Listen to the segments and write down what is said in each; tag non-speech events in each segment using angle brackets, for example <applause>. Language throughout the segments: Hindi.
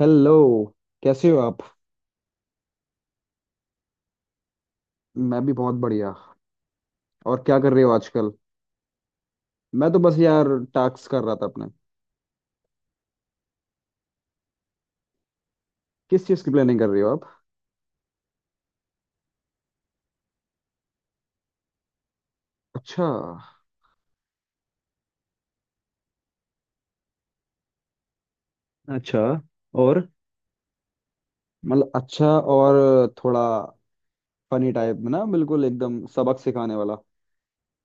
हेलो। कैसे हो आप? मैं भी बहुत बढ़िया। और क्या कर रहे हो आजकल? मैं तो बस यार टास्क कर रहा था अपने। किस चीज़ की प्लानिंग कर रहे हो आप? अच्छा। अच्छा। और मतलब अच्छा। और थोड़ा फनी टाइप में ना, बिल्कुल एकदम सबक सिखाने वाला।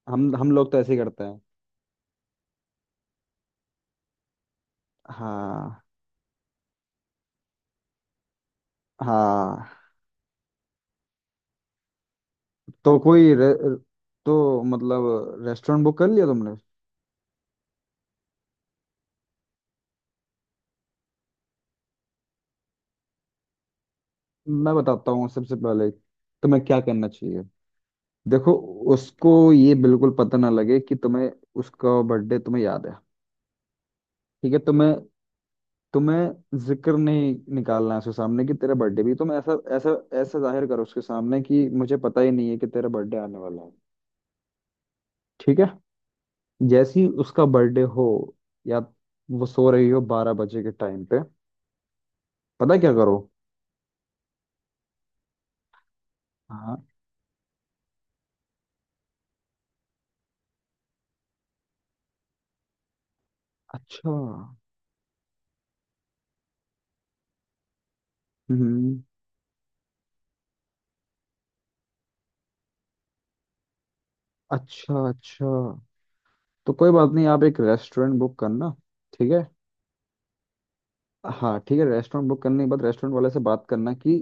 हम लोग तो ऐसे ही करते हैं। हाँ। हाँ, तो कोई रे, तो मतलब रेस्टोरेंट बुक कर लिया तुमने? मैं बताता हूँ सबसे पहले तुम्हें क्या करना चाहिए। देखो, उसको ये बिल्कुल पता ना लगे कि तुम्हें उसका बर्थडे तुम्हें याद है। ठीक है? तुम्हें तुम्हें जिक्र नहीं निकालना है उसके सामने कि तेरा बर्थडे भी। तुम ऐसा ऐसा ऐसा जाहिर करो उसके सामने कि मुझे पता ही नहीं है कि तेरा बर्थडे आने वाला है। ठीक है? जैसे ही उसका बर्थडे हो, या वो सो रही हो 12 बजे के टाइम पे, पता है क्या करो। हाँ, अच्छा। हम्म। अच्छा अच्छा, तो कोई बात नहीं, आप एक रेस्टोरेंट बुक करना। ठीक है? हाँ ठीक है, रेस्टोरेंट बुक करने के बाद रेस्टोरेंट वाले से बात करना कि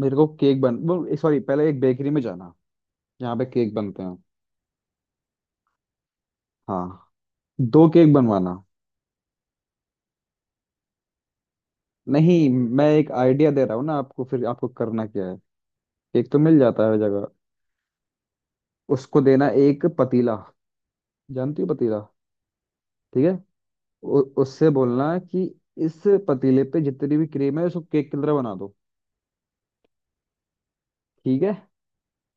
मेरे को केक बन वो सॉरी पहले एक बेकरी में जाना जहाँ पे केक बनते हैं। हाँ, दो केक बनवाना। नहीं, मैं एक आइडिया दे रहा हूँ ना आपको, फिर आपको करना क्या है। केक तो मिल जाता है हर जगह। उसको देना एक पतीला, जानती हो पतीला? ठीक है, उससे बोलना कि इस पतीले पे जितनी भी क्रीम है उसको केक की तरह बना दो। ठीक है?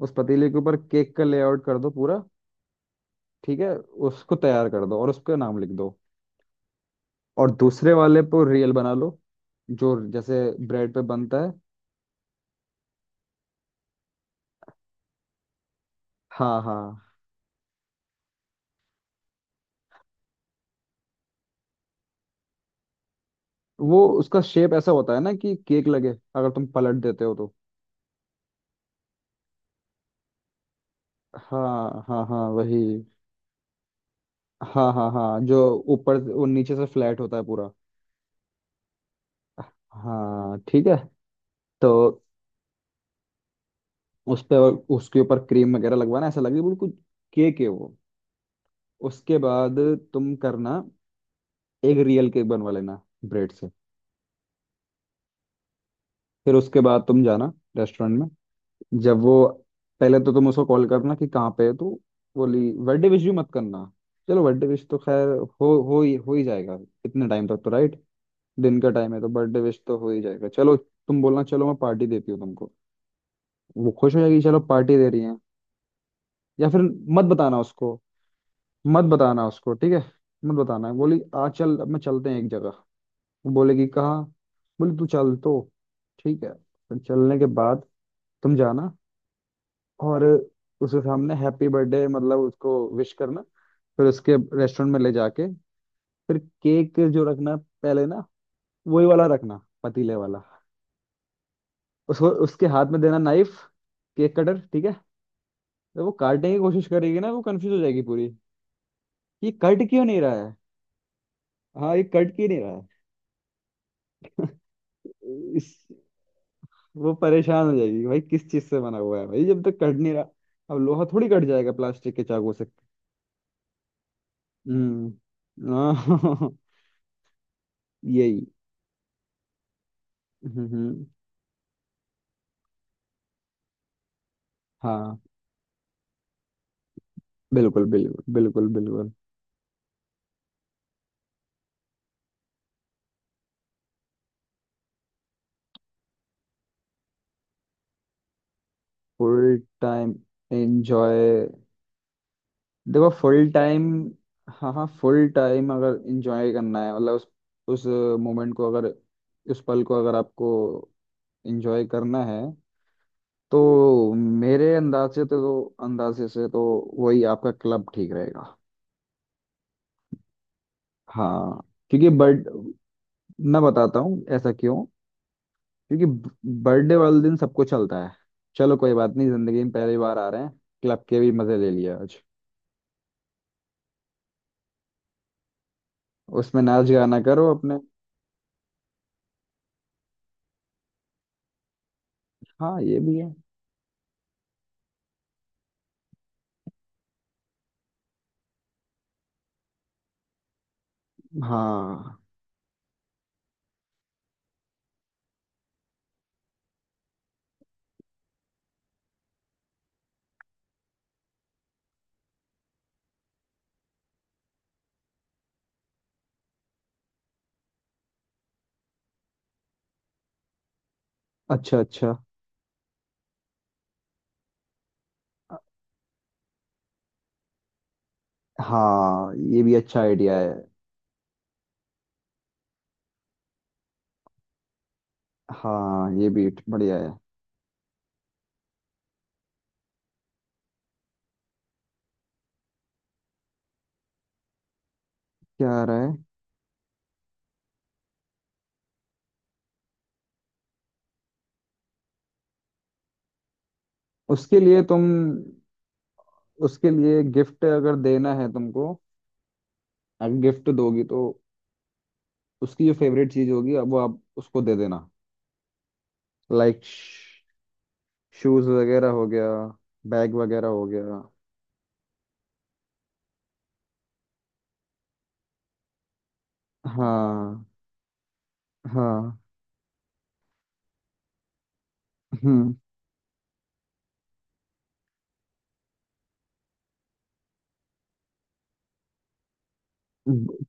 उस पतीले के ऊपर केक का लेआउट कर दो पूरा। ठीक है? उसको तैयार कर दो और उसका नाम लिख दो। और दूसरे वाले पर रियल बना लो, जो जैसे ब्रेड पे बनता है। हाँ हाँ, वो उसका शेप ऐसा होता है ना कि केक लगे, अगर तुम पलट देते हो तो। हाँ हाँ हाँ वही। हाँ हाँ हाँ जो ऊपर वो नीचे से फ्लैट होता है पूरा। हाँ ठीक है, तो उस पे उसके ऊपर क्रीम वगैरह लगवाना, ऐसा लगे बिल्कुल केक है वो। उसके बाद तुम करना एक रियल केक बनवा लेना ब्रेड से। फिर उसके बाद तुम जाना रेस्टोरेंट में। जब वो पहले तो तुम उसको कॉल करना कि कहाँ पे है तो बोली बर्थडे विश भी मत करना। चलो बर्थडे विश तो खैर हो ही जाएगा, इतने टाइम तक तो, राइट? दिन का टाइम है तो बर्थडे विश तो हो ही जाएगा। चलो तुम बोलना, चलो मैं पार्टी देती हूँ तुमको। वो खुश हो जाएगी, चलो पार्टी दे रही है। या फिर मत बताना उसको, मत बताना उसको। ठीक है, मत बताना, बोली आ चल अब मैं चलते हैं एक जगह। वो बोलेगी कहाँ, बोली तू चल तो। ठीक है, फिर चलने के बाद तुम जाना, और उसके सामने हैप्पी बर्थडे, मतलब उसको विश करना। फिर उसके रेस्टोरेंट में ले जाके फिर केक जो रखना पहले ना, वही वाला रखना, पतीले वाला। उसको उसके हाथ में देना नाइफ, केक कटर। ठीक है? जब वो काटने की कोशिश करेगी ना, वो कंफ्यूज हो जाएगी पूरी, ये कट क्यों नहीं रहा है। हाँ, ये कट क्यों नहीं रहा है, इस वो परेशान हो जाएगी, भाई किस चीज से बना हुआ है भाई, जब तक कट नहीं रहा। अब लोहा थोड़ी कट जाएगा प्लास्टिक के चाकू से। हम्म, हाँ, <laughs> यही। हम्म हम्म, हाँ, बिल्कुल बिल्कुल बिल्कुल बिल्कुल। फुल टाइम एंजॉय, देखो फुल टाइम, हाँ हाँ, फुल टाइम अगर एंजॉय करना है मतलब उस मोमेंट को अगर, उस पल को अगर आपको एंजॉय करना है, तो मेरे अंदाज से तो अंदाजे से तो वही आपका क्लब ठीक रहेगा। हाँ, क्योंकि बर्थ मैं बताता हूँ ऐसा क्यों। क्योंकि बर्थडे वाले दिन सबको चलता है, चलो कोई बात नहीं, जिंदगी में पहली बार आ रहे हैं, क्लब के भी मजे ले लिया आज। उसमें नाच गाना करो अपने। हाँ ये भी है। हाँ, अच्छा अच्छा। हाँ ये भी अच्छा आइडिया है। हाँ ये भी बढ़िया है। क्या आ रहा है? उसके लिए तुम, उसके लिए गिफ्ट अगर देना है तुमको, अगर गिफ्ट दोगी तो उसकी जो फेवरेट चीज होगी अब वो आप उसको दे देना। लाइक शूज वगैरह हो गया, बैग वगैरह हो गया। हाँ हाँ। हम्म,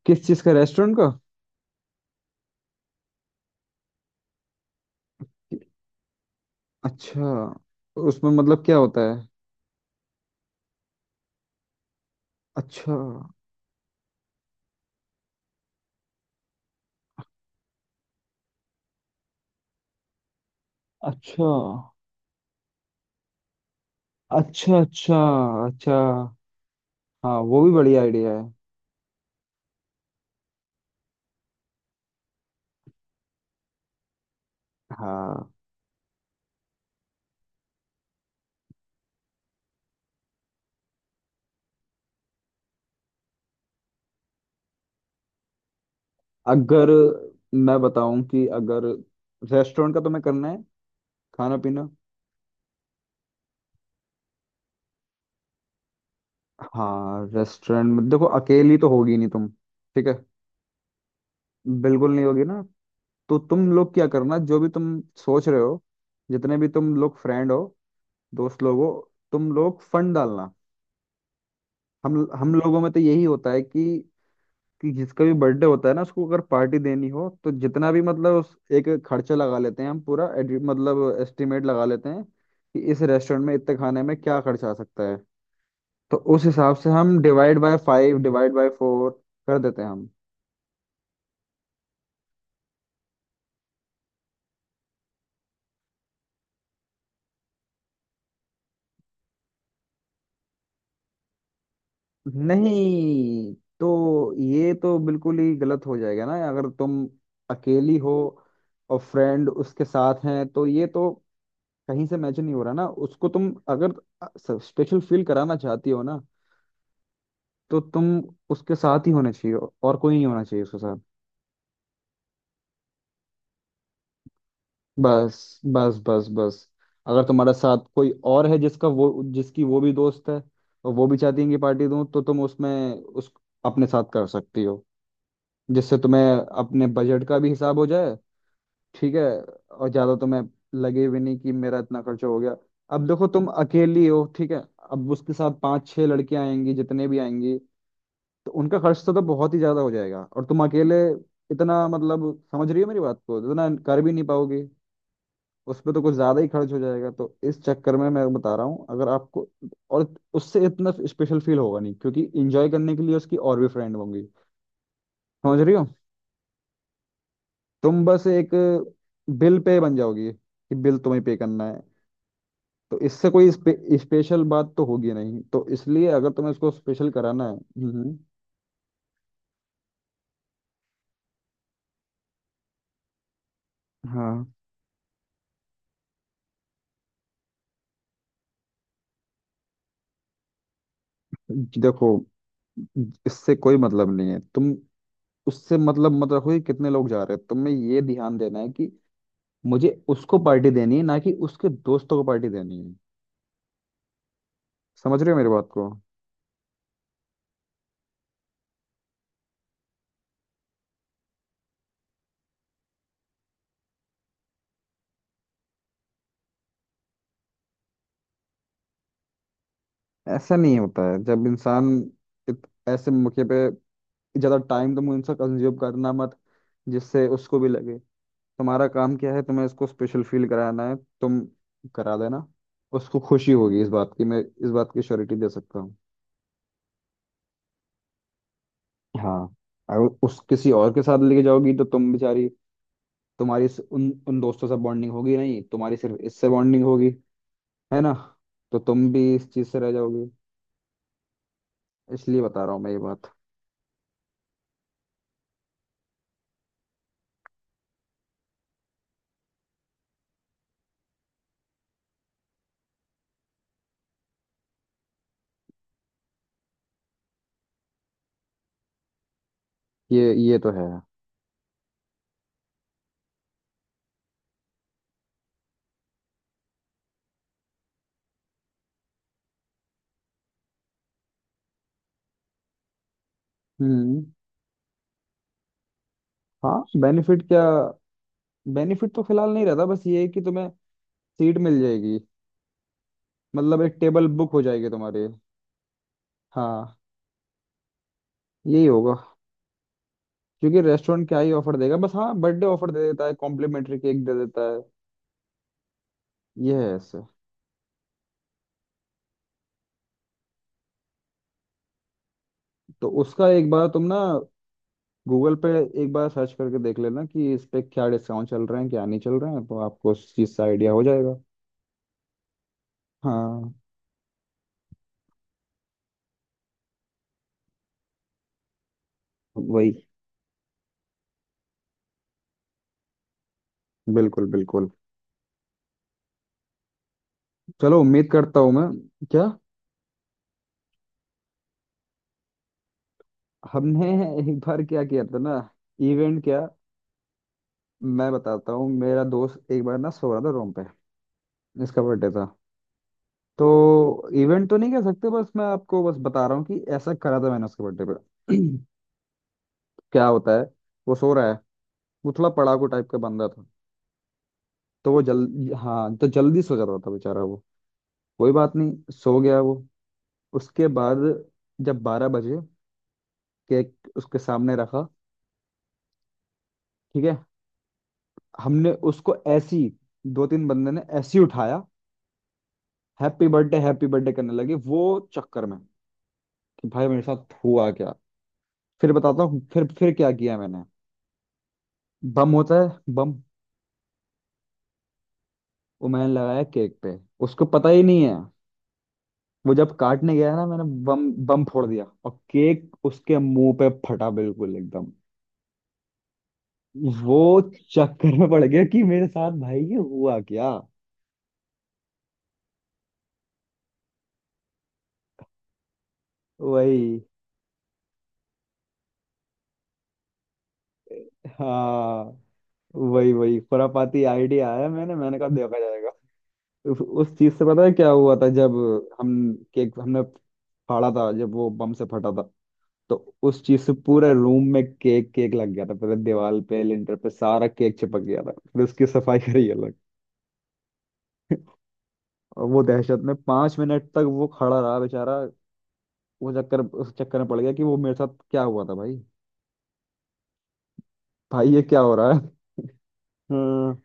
किस चीज का, रेस्टोरेंट का? अच्छा, उसमें मतलब क्या होता है? अच्छा अच्छा अच्छा। अच्छा अच्छा, हाँ वो भी बढ़िया आइडिया है। हाँ, अगर, मैं बताऊं कि अगर रेस्टोरेंट का तुम्हें करना है, खाना पीना। हाँ, रेस्टोरेंट में देखो अकेली तो होगी नहीं तुम। ठीक है, बिल्कुल नहीं होगी ना, तो तुम लोग क्या करना, जो भी तुम सोच रहे हो, जितने भी तुम लोग फ्रेंड हो, दोस्त लोग हो, तुम लोग फंड डालना। हम लोगों में तो यही होता है कि जिसका भी बर्थडे होता है ना, उसको अगर पार्टी देनी हो तो जितना भी मतलब उस एक खर्चा लगा लेते हैं हम पूरा एडि- मतलब एस्टिमेट लगा लेते हैं कि इस रेस्टोरेंट में इतने खाने में क्या खर्चा आ सकता है। तो उस हिसाब से हम divide by five, divide by four कर देते हैं हम। नहीं, तो ये तो बिल्कुल ही गलत हो जाएगा ना अगर तुम अकेली हो और फ्रेंड उसके साथ हैं, तो ये तो कहीं से मैच नहीं हो रहा ना। उसको तुम अगर स्पेशल फील कराना चाहती हो ना, तो तुम उसके साथ ही होना चाहिए, और कोई नहीं होना चाहिए उसके साथ। बस बस बस बस, अगर तुम्हारा साथ कोई और है जिसका वो, जिसकी वो भी दोस्त है और वो भी चाहती है कि पार्टी दूं, तो तुम उसमें उस अपने साथ कर सकती हो, जिससे तुम्हें अपने बजट का भी हिसाब हो जाए। ठीक है? और ज्यादा तुम्हें लगे भी नहीं कि मेरा इतना खर्चा हो गया। अब देखो तुम अकेली हो, ठीक है, अब उसके साथ 5 6 लड़कियां आएंगी, जितने भी आएंगी, तो उनका खर्च तो बहुत ही ज्यादा हो जाएगा, और तुम अकेले इतना मतलब, समझ रही हो मेरी बात को, इतना कर भी नहीं पाओगी। उस पे तो कुछ ज्यादा ही खर्च हो जाएगा, तो इस चक्कर में मैं बता रहा हूँ अगर आपको। और उससे इतना स्पेशल फील होगा नहीं, क्योंकि एंजॉय करने के लिए उसकी और भी फ्रेंड होंगी, समझ रही हो? तुम बस एक बिल पे बन जाओगी कि बिल तुम्हें पे करना है। तो इससे कोई स्पेशल बात तो होगी नहीं, तो इसलिए अगर तुम्हें इसको स्पेशल कराना है। हाँ। कि देखो इससे कोई मतलब नहीं है, तुम उससे मतलब मत रखो कि कितने लोग जा रहे हैं, तुम्हें ये ध्यान देना है कि मुझे उसको पार्टी देनी है, ना कि उसके दोस्तों को पार्टी देनी है। समझ रहे हो मेरी बात को? ऐसा नहीं होता है। जब इंसान ऐसे मौके पे, ज्यादा टाइम तुम इनसे कंज्यूम करना मत, जिससे उसको भी लगे। तुम्हारा काम क्या है, तुम्हें उसको स्पेशल फील कराना है, तुम करा देना। उसको खुशी होगी इस बात की, मैं इस बात की श्योरिटी दे सकता हूँ। हाँ, अगर उस किसी और के साथ लेके जाओगी तो तुम बेचारी, तुम्हारी उन उन दोस्तों से बॉन्डिंग होगी नहीं, तुम्हारी सिर्फ इससे बॉन्डिंग होगी, है ना? तो तुम भी इस चीज से रह जाओगी, इसलिए बता रहा हूँ मैं ये बात। ये तो है। हम्म, हाँ बेनिफिट क्या, बेनिफिट तो फिलहाल नहीं रहता, बस ये है कि तुम्हें सीट मिल जाएगी, मतलब एक टेबल बुक हो जाएगी तुम्हारी। हाँ, यही होगा। क्योंकि रेस्टोरेंट क्या ही ऑफर देगा, बस हाँ बर्थडे ऑफर दे देता है, कॉम्प्लीमेंट्री केक दे देता है। ये है ऐसे। तो उसका एक बार तुम ना गूगल पे एक बार सर्च करके देख लेना कि इस पे क्या डिस्काउंट चल रहे हैं, क्या नहीं चल रहे हैं, तो आपको उस चीज़ का आइडिया हो जाएगा। हाँ वही, बिल्कुल बिल्कुल। चलो उम्मीद करता हूँ मैं। क्या? हमने एक बार क्या किया था ना। इवेंट क्या, मैं बताता हूँ। मेरा दोस्त एक बार ना सो रहा था रूम पे, इसका बर्थडे था। तो इवेंट तो नहीं कह सकते, बस मैं आपको बस बता रहा हूँ कि ऐसा करा था मैंने उसके बर्थडे पे। <clears throat> क्या होता है, वो सो रहा है, वो थोड़ा पड़ाकू टाइप का बंदा था, तो वो जल्दी हाँ तो जल्दी सो जा रहा था बेचारा वो। कोई बात नहीं सो गया वो। उसके बाद जब 12 बजे केक उसके सामने रखा। ठीक है, हमने उसको ऐसी, 2 3 बंदे ने ऐसी उठाया, हैप्पी बर्थडे करने लगे, वो चक्कर में कि भाई मेरे साथ हुआ क्या। फिर बताता हूँ, फिर क्या किया मैंने, बम होता है बम, वो मैंने लगाया केक पे, उसको पता ही नहीं है, वो जब काटने गया ना, मैंने बम बम फोड़ दिया और केक उसके मुंह पे फटा बिल्कुल एकदम। वो चक्कर में पड़ गया कि मेरे साथ भाई ये हुआ क्या। वही, हाँ, वही वही खुरापाती आइडिया आया मैंने, मैंने कहा देखा जाएगा। उस चीज से पता है क्या हुआ था, जब हम, केक हमने फाड़ा था जब वो बम से फटा था, तो उस चीज से पूरे रूम में केक केक लग गया था, पूरे दीवार पे लिंटर पे सारा केक चिपक गया था, फिर उसकी सफाई करी अलग। और वो दहशत में 5 मिनट तक वो खड़ा रहा बेचारा, वो चक्कर उस चक्कर में पड़ गया कि वो मेरे साथ क्या हुआ था भाई, भाई ये क्या हो रहा है। हम्म,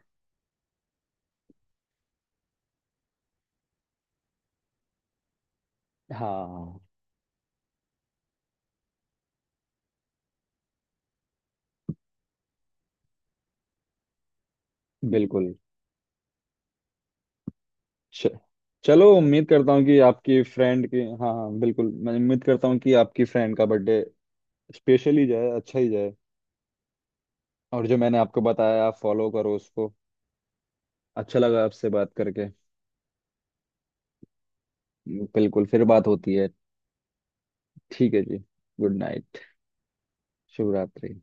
हाँ बिल्कुल। च- चलो उम्मीद करता हूँ कि आपकी फ्रेंड की, हाँ हाँ बिल्कुल, मैं उम्मीद करता हूँ कि आपकी फ्रेंड का बर्थडे स्पेशल ही जाए, अच्छा ही जाए, और जो मैंने आपको बताया आप फॉलो करो उसको। अच्छा लगा आपसे बात करके। बिल्कुल, फिर बात होती है। ठीक है जी, गुड नाइट। शुभ रात्रि।